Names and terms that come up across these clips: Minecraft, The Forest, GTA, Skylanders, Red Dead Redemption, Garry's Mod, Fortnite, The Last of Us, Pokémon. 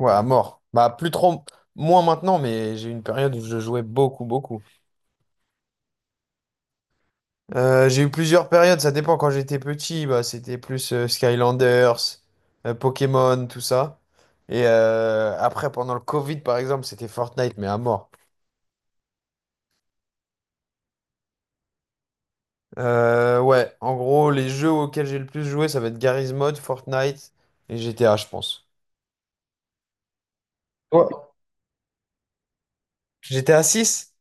Ouais, à mort. Bah, plus trop, moins maintenant, mais j'ai eu une période où je jouais beaucoup, beaucoup. J'ai eu plusieurs périodes, ça dépend. Quand j'étais petit, bah, c'était plus Skylanders, Pokémon, tout ça. Et après, pendant le Covid, par exemple, c'était Fortnite, mais à mort. Ouais, en gros, les jeux auxquels j'ai le plus joué, ça va être Garry's Mod, Fortnite et GTA, je pense. Toi, GTA 6.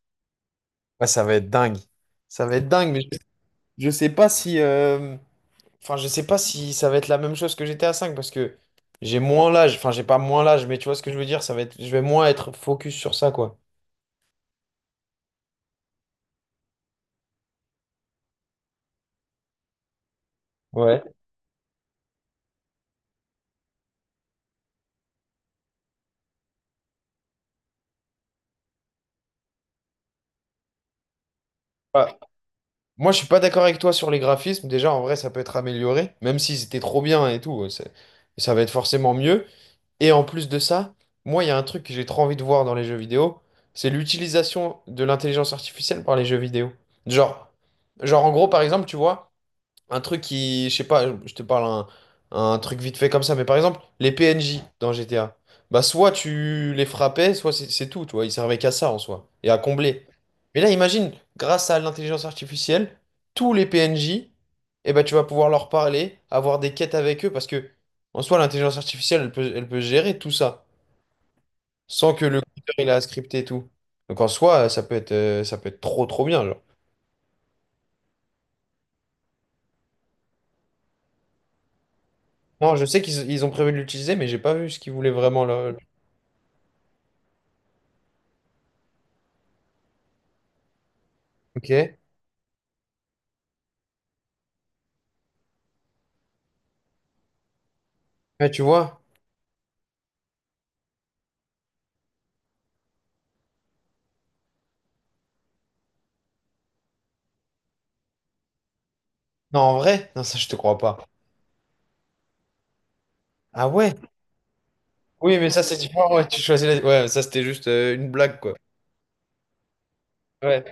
Ouais, ça va être dingue. Ça va être dingue, mais je sais pas si, enfin, je sais pas si ça va être la même chose que GTA 5 parce que j'ai moins l'âge. Enfin, j'ai pas moins l'âge, mais tu vois ce que je veux dire, ça va être, je vais moins être focus sur ça, quoi. Ouais. Ah, moi, je suis pas d'accord avec toi sur les graphismes. Déjà, en vrai, ça peut être amélioré, même s'ils étaient trop bien et tout. Ça va être forcément mieux. Et en plus de ça, moi, il y a un truc que j'ai trop envie de voir dans les jeux vidéo, c'est l'utilisation de l'intelligence artificielle par les jeux vidéo. Genre, genre, en gros, par exemple, tu vois. Un truc qui, je sais pas, je te parle un truc vite fait comme ça, mais par exemple, les PNJ dans GTA, bah soit tu les frappais, soit c'est tout, tu vois, ils servaient qu'à ça en soi, et à combler. Mais là, imagine, grâce à l'intelligence artificielle, tous les PNJ, eh ben, tu vas pouvoir leur parler, avoir des quêtes avec eux, parce que en soi, l'intelligence artificielle, elle peut gérer tout ça, sans que le codeur, il a scripté et tout. Donc en soi, ça peut être trop trop bien, genre. Non, je sais qu'ils ont prévu de l'utiliser, mais j'ai pas vu ce qu'ils voulaient vraiment là. Ok. Ouais, tu vois? Non, en vrai? Non, ça, je te crois pas. Ah ouais? Oui, mais ça, c'est différent. Ouais, tu choisis la, ouais, ça, c'était juste une blague, quoi. Ouais.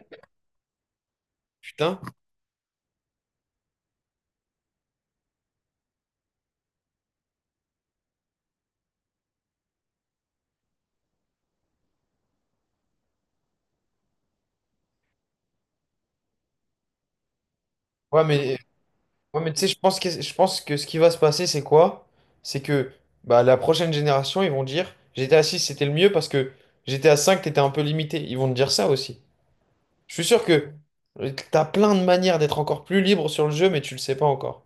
Putain. Ouais, mais, ouais, mais tu sais, je pense que ce qui va se passer, c'est quoi? C'est que bah, la prochaine génération, ils vont dire GTA 6 c'était le mieux parce que GTA 5 t'étais un peu limité. Ils vont te dire ça aussi. Je suis sûr que t'as plein de manières d'être encore plus libre sur le jeu, mais tu le sais pas encore.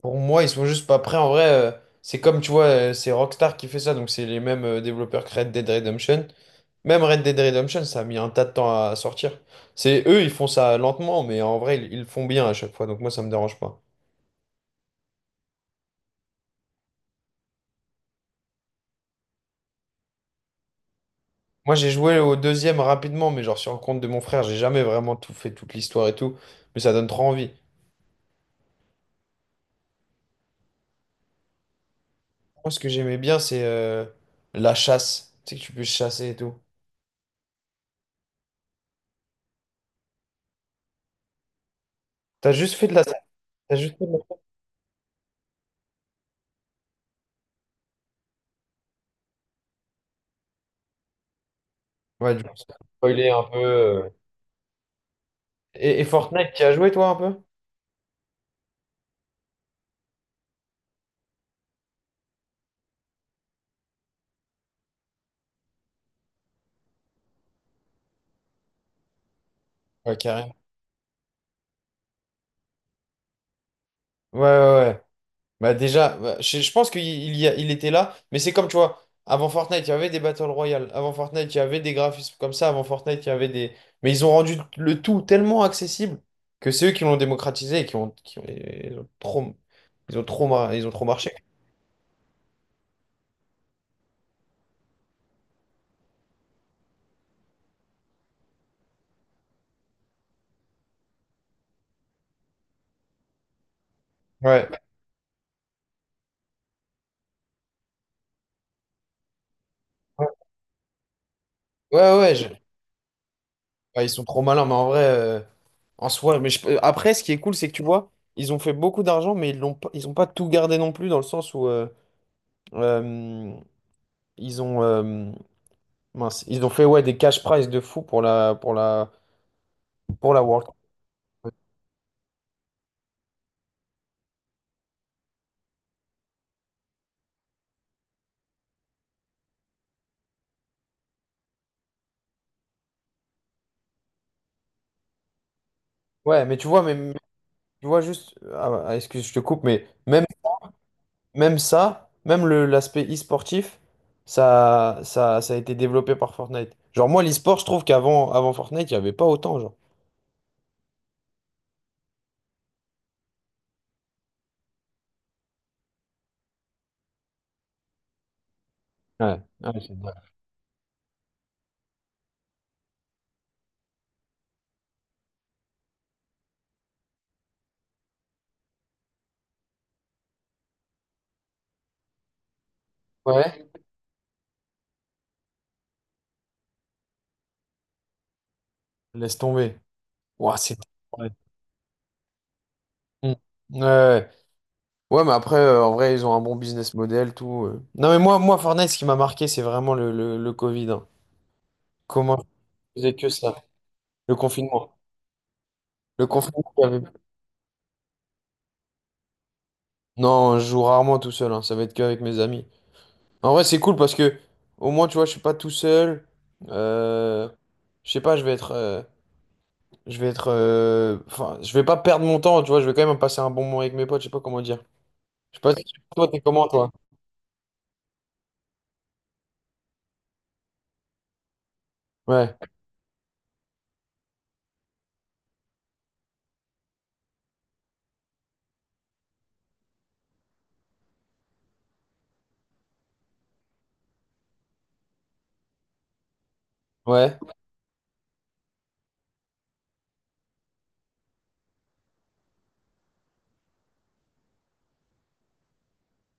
Pour moi, ils sont juste pas prêts. En vrai, c'est comme tu vois, c'est Rockstar qui fait ça, donc c'est les mêmes développeurs que Red Dead Redemption. Même Red Dead Redemption, ça a mis un tas de temps à sortir. C'est eux, ils font ça lentement, mais en vrai, ils le font bien à chaque fois, donc moi, ça me dérange pas. Moi, j'ai joué au deuxième rapidement, mais genre sur le compte de mon frère, j'ai jamais vraiment tout fait, toute l'histoire et tout, mais ça donne trop envie. Moi, ce que j'aimais bien, c'est la chasse. Tu sais que tu peux chasser et tout. T'as juste fait de la... T'as juste fait de la... Ouais, du coup, spoiler un peu. Et Fortnite, tu as joué toi un peu? Ouais, carrément. Ouais, ouais, ouais. Bah déjà, bah, je pense qu'il il y a- il était là, mais c'est comme, tu vois, avant Fortnite, il y avait des Battle Royale, avant Fortnite, il y avait des graphismes comme ça, avant Fortnite, il y avait des... Mais ils ont rendu le tout tellement accessible que c'est eux qui l'ont démocratisé et qui ont, qui ont, ils ont trop, mar- ils ont trop marché. Ouais. Ouais, ouais, ouais, ouais, ils sont trop malins, mais en vrai, en soi, après, ce qui est cool, c'est que tu vois, ils ont fait beaucoup d'argent, mais ils ont pas tout gardé non plus, dans le sens où... euh, ils ont, euh, Mince, ils ont fait ouais, des cash prize de fou pour la, World Cup. Ouais, mais tu vois juste, excuse, je te coupe, mais même, même ça, même le, l'aspect e-sportif, ça a été développé par Fortnite. Genre, moi, l'e-sport, je trouve qu'avant Fortnite, il n'y avait pas autant, genre. Ouais, ouais, c'est vrai. Ouais. Laisse tomber. Ouah, c'est... Ouais. Mm. Ouais, ouais. Ouais, mais après, en vrai, ils ont un bon business model, tout. Non, mais moi, Fortnite, ce qui m'a marqué, c'est vraiment le Covid. Hein. Comment je faisais que ça? Le confinement. Le confinement. Il y avait... Non, je joue rarement tout seul, hein, ça va être qu'avec mes amis. En vrai, c'est cool parce que au moins, tu vois, je suis pas tout seul. Euh, Je sais pas, je vais être. Je vais être. Enfin, je vais pas perdre mon temps, tu vois. Je vais quand même passer un bon moment avec mes potes. Je sais pas comment dire. Je sais pas si toi, t'es comment, toi? Ouais. Ouais.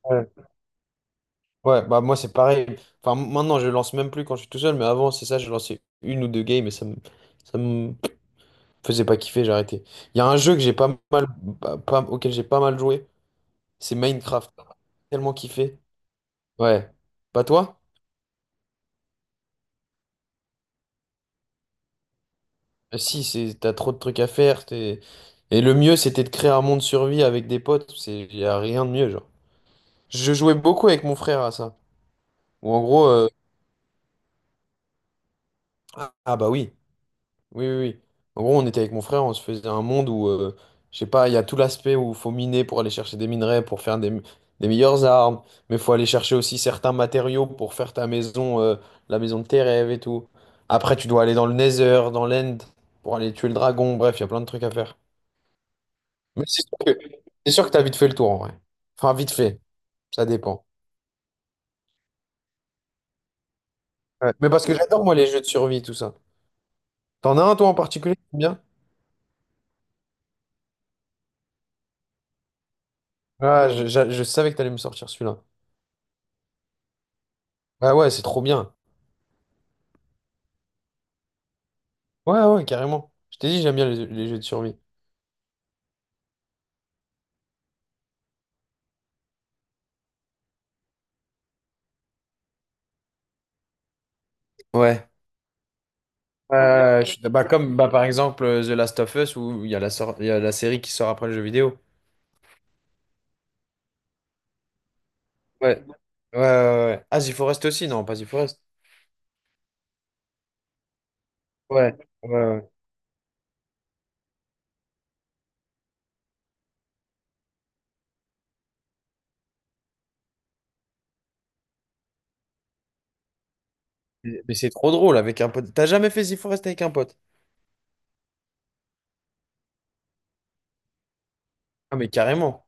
Ouais. Ouais, bah moi, c'est pareil. Enfin, maintenant, je lance même plus quand je suis tout seul, mais avant, c'est ça, je lançais une ou deux games et ça me faisait pas kiffer, j'ai arrêté. Il y a un jeu que j'ai pas mal, pas- pas- auquel j'ai pas mal joué. C'est Minecraft, t'as tellement kiffé. Ouais. Pas toi? Si, c'est t'as trop de trucs à faire. Et le mieux, c'était de créer un monde survie avec des potes. C'est y a rien de mieux, genre. Je jouais beaucoup avec mon frère à ça. Ou en gros, ah ah bah oui. Oui, oui, oui. En gros, on était avec mon frère, on se faisait un monde où, je sais pas, il y a tout l'aspect où il faut miner pour aller chercher des minerais, pour faire des meilleures armes, mais il faut aller chercher aussi certains matériaux pour faire ta maison, la maison de tes rêves et tout. Après, tu dois aller dans le Nether, dans l'End, pour aller tuer le dragon, bref, il y a plein de trucs à faire. Mais c'est sûr que t'as vite fait le tour, en vrai. Enfin, vite fait, ça dépend. Ouais. Mais parce que j'adore, moi, les jeux de survie, tout ça. T'en as un, toi, en particulier, qui t'aime bien? Ah, je savais que t'allais me sortir celui-là. Ah ouais, c'est trop bien. Ouais, ouais, carrément. Je t'ai dit, j'aime bien les jeux de survie. Ouais. Bah, comme bah, par exemple The Last of Us où il y a la série qui sort après le jeu vidéo. Ouais. Ouais, ouais, ouais. Ah, The Forest aussi, non, pas The Forest. Ouais, ouais, ouais. Mais c'est trop drôle avec un pote. T'as jamais fait The Forest avec un pote? Ah, mais carrément.